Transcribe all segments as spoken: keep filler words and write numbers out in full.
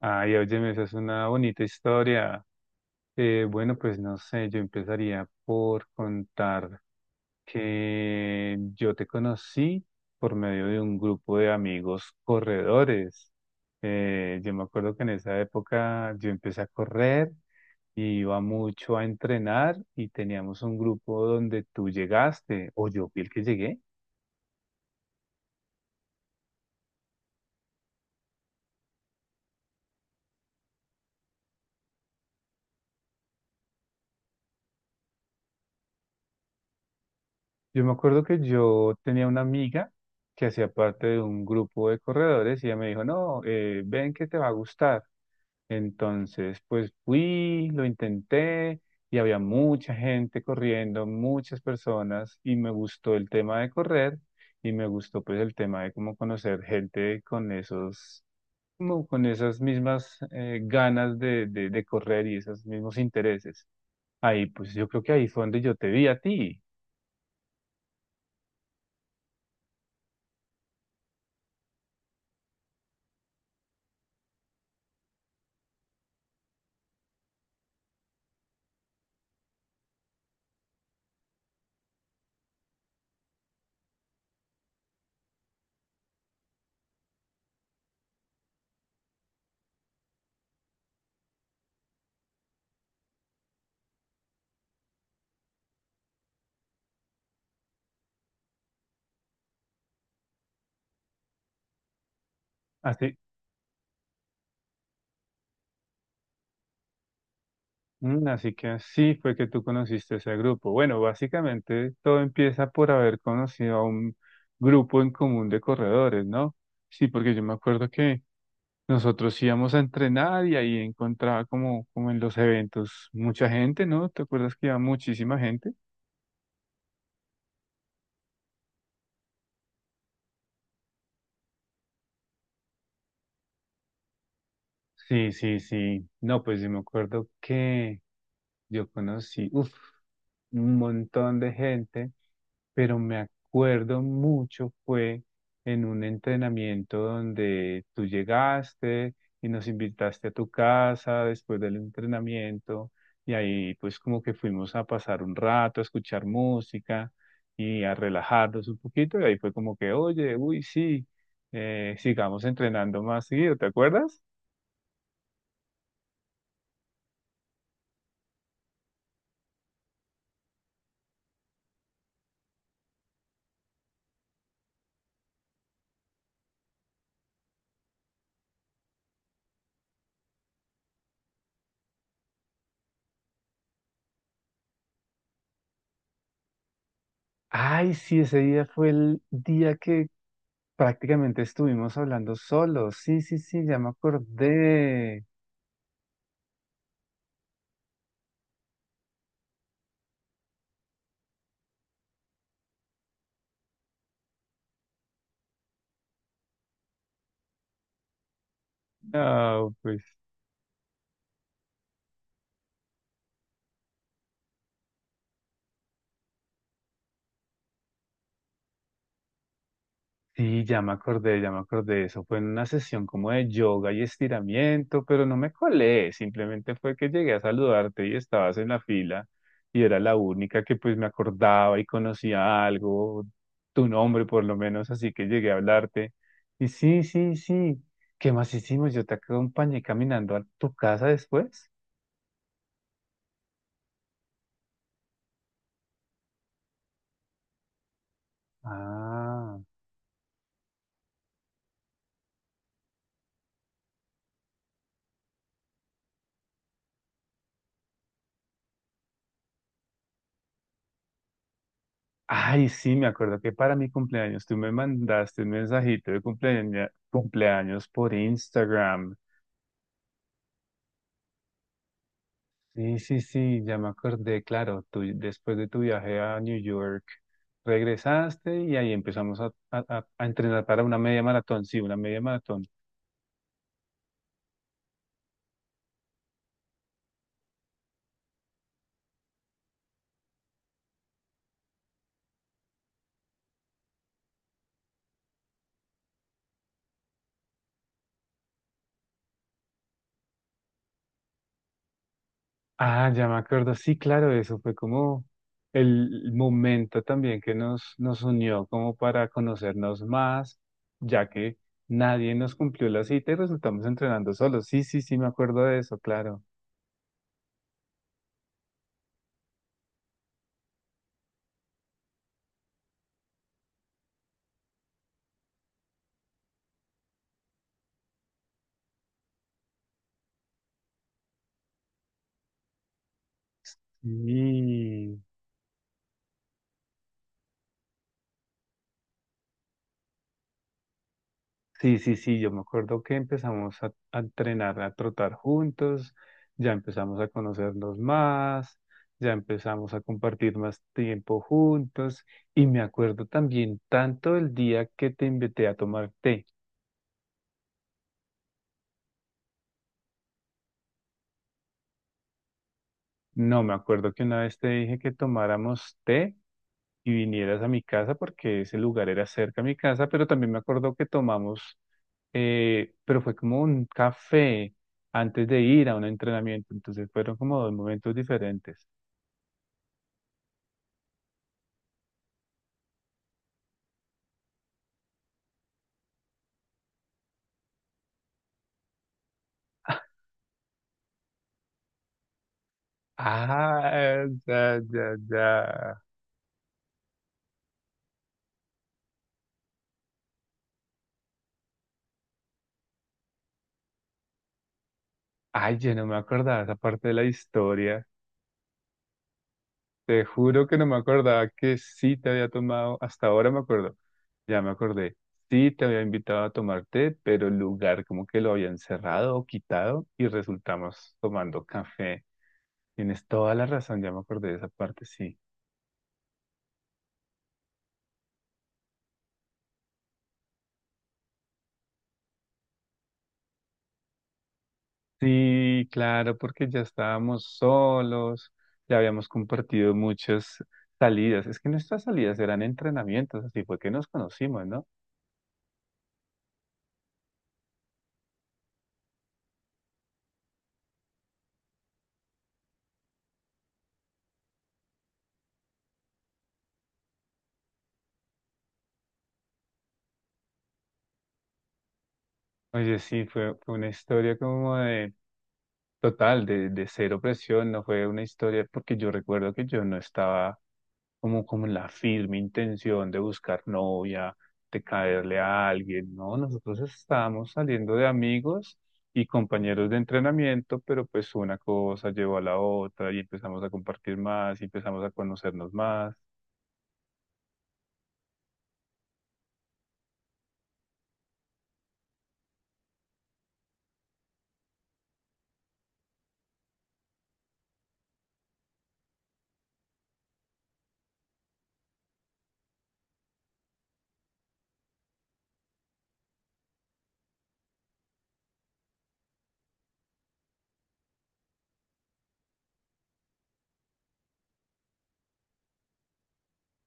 Ay, óyeme, esa es una bonita historia. Eh, bueno, pues no sé, yo empezaría por contar que yo te conocí por medio de un grupo de amigos corredores. Eh, yo me acuerdo que en esa época yo empecé a correr y iba mucho a entrenar y teníamos un grupo donde tú llegaste, o yo fui el que llegué. Yo me acuerdo que yo tenía una amiga que hacía parte de un grupo de corredores y ella me dijo, no, eh, ven que te va a gustar. Entonces, pues fui, lo intenté y había mucha gente corriendo, muchas personas y me gustó el tema de correr y me gustó pues el tema de cómo conocer gente con esos, como con esas mismas eh, ganas de, de, de correr y esos mismos intereses. Ahí, pues yo creo que ahí fue donde yo te vi a ti. Mm, así que así fue que tú conociste ese grupo. Bueno, básicamente todo empieza por haber conocido a un grupo en común de corredores, ¿no? Sí, porque yo me acuerdo que nosotros íbamos a entrenar y ahí encontraba como, como en los eventos mucha gente, ¿no? ¿Te acuerdas que iba muchísima gente? Sí, sí, sí. No, pues yo me acuerdo que yo conocí, uf, un montón de gente, pero me acuerdo mucho fue en un entrenamiento donde tú llegaste y nos invitaste a tu casa después del entrenamiento y ahí pues como que fuimos a pasar un rato, a escuchar música y a relajarnos un poquito y ahí fue como que, oye, uy, sí, eh, sigamos entrenando más seguido, ¿te acuerdas? Ay, sí, ese día fue el día que prácticamente estuvimos hablando solos. Sí, sí, sí, ya me acordé. Ah, pues. Sí, ya me acordé, ya me acordé. Eso fue en una sesión como de yoga y estiramiento, pero no me colé. Simplemente fue que llegué a saludarte y estabas en la fila y era la única que pues me acordaba y conocía algo, tu nombre por lo menos, así que llegué a hablarte. Y sí, sí, sí. ¿Qué más hicimos? Yo te acompañé caminando a tu casa después. Ah. Ay, sí, me acuerdo que para mi cumpleaños tú me mandaste un mensajito de cumpleaña- cumpleaños por Instagram. Sí, sí, sí, ya me acordé, claro, tú después de tu viaje a New York regresaste y ahí empezamos a, a- a- a entrenar para una media maratón, sí, una media maratón. Ah, ya me acuerdo, sí, claro, eso fue como el momento también que nos, nos unió como para conocernos más, ya que nadie nos cumplió la cita y resultamos entrenando solos. Sí, sí, sí, me acuerdo de eso, claro. Sí. Sí, sí, sí, yo me acuerdo que empezamos a, a entrenar, a trotar juntos, ya empezamos a conocernos más, ya empezamos a compartir más tiempo juntos y me acuerdo también tanto el día que te invité a tomar té. No, me acuerdo que una vez te dije que tomáramos té y vinieras a mi casa porque ese lugar era cerca a mi casa, pero también me acuerdo que tomamos, eh, pero fue como un café antes de ir a un entrenamiento, entonces fueron como dos momentos diferentes. Ah, ya, ya, ya. Ay, ya no me acordaba esa parte de la historia. Te juro que no me acordaba que sí te había tomado, hasta ahora me acuerdo, ya me acordé, sí te había invitado a tomarte, pero el lugar como que lo habían cerrado o quitado y resultamos tomando café. Tienes toda la razón, ya me acordé de esa parte, sí. Sí, claro, porque ya estábamos solos, ya habíamos compartido muchas salidas. Es que nuestras salidas eran entrenamientos, así fue que nos conocimos, ¿no? Oye, sí, fue, fue una historia como de total, de, de cero presión, no fue una historia, porque yo recuerdo que yo no estaba como, como en la firme intención de buscar novia, de caerle a alguien, ¿no? Nosotros estábamos saliendo de amigos y compañeros de entrenamiento, pero pues una cosa llevó a la otra y empezamos a compartir más y empezamos a conocernos más.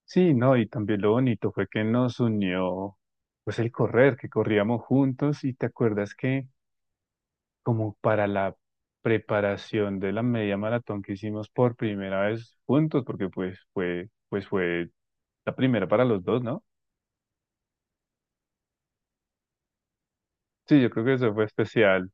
Sí, no, y también lo bonito fue que nos unió, pues el correr, que corríamos juntos y te acuerdas que como para la preparación de la media maratón que hicimos por primera vez juntos, porque pues fue, pues fue la primera para los dos, ¿no? Sí, yo creo que eso fue especial.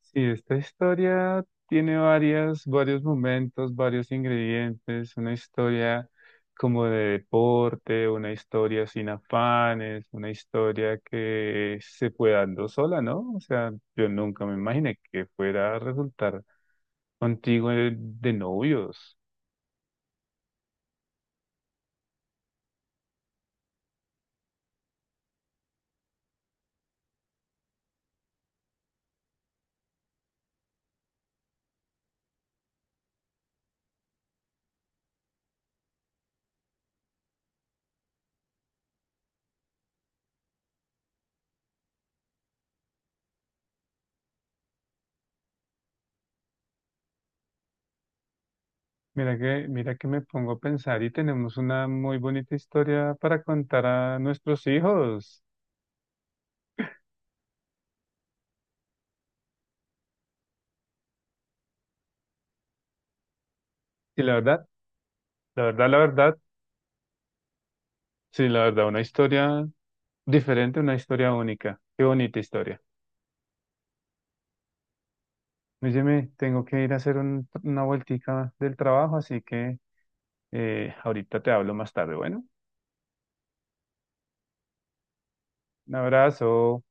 Sí, esta historia tiene varias, varios momentos, varios ingredientes, una historia como de deporte, una historia sin afanes, una historia que se fue dando sola, ¿no? O sea, yo nunca me imaginé que fuera a resultar contigo de, de novios. Mira que, mira que me pongo a pensar y tenemos una muy bonita historia para contar a nuestros hijos. Y la verdad, la verdad, la verdad, sí, la verdad, una historia diferente, una historia única. Qué bonita historia. Oye, tengo que ir a hacer un- una vueltica del trabajo, así que eh, ahorita te hablo más tarde. Bueno, un abrazo.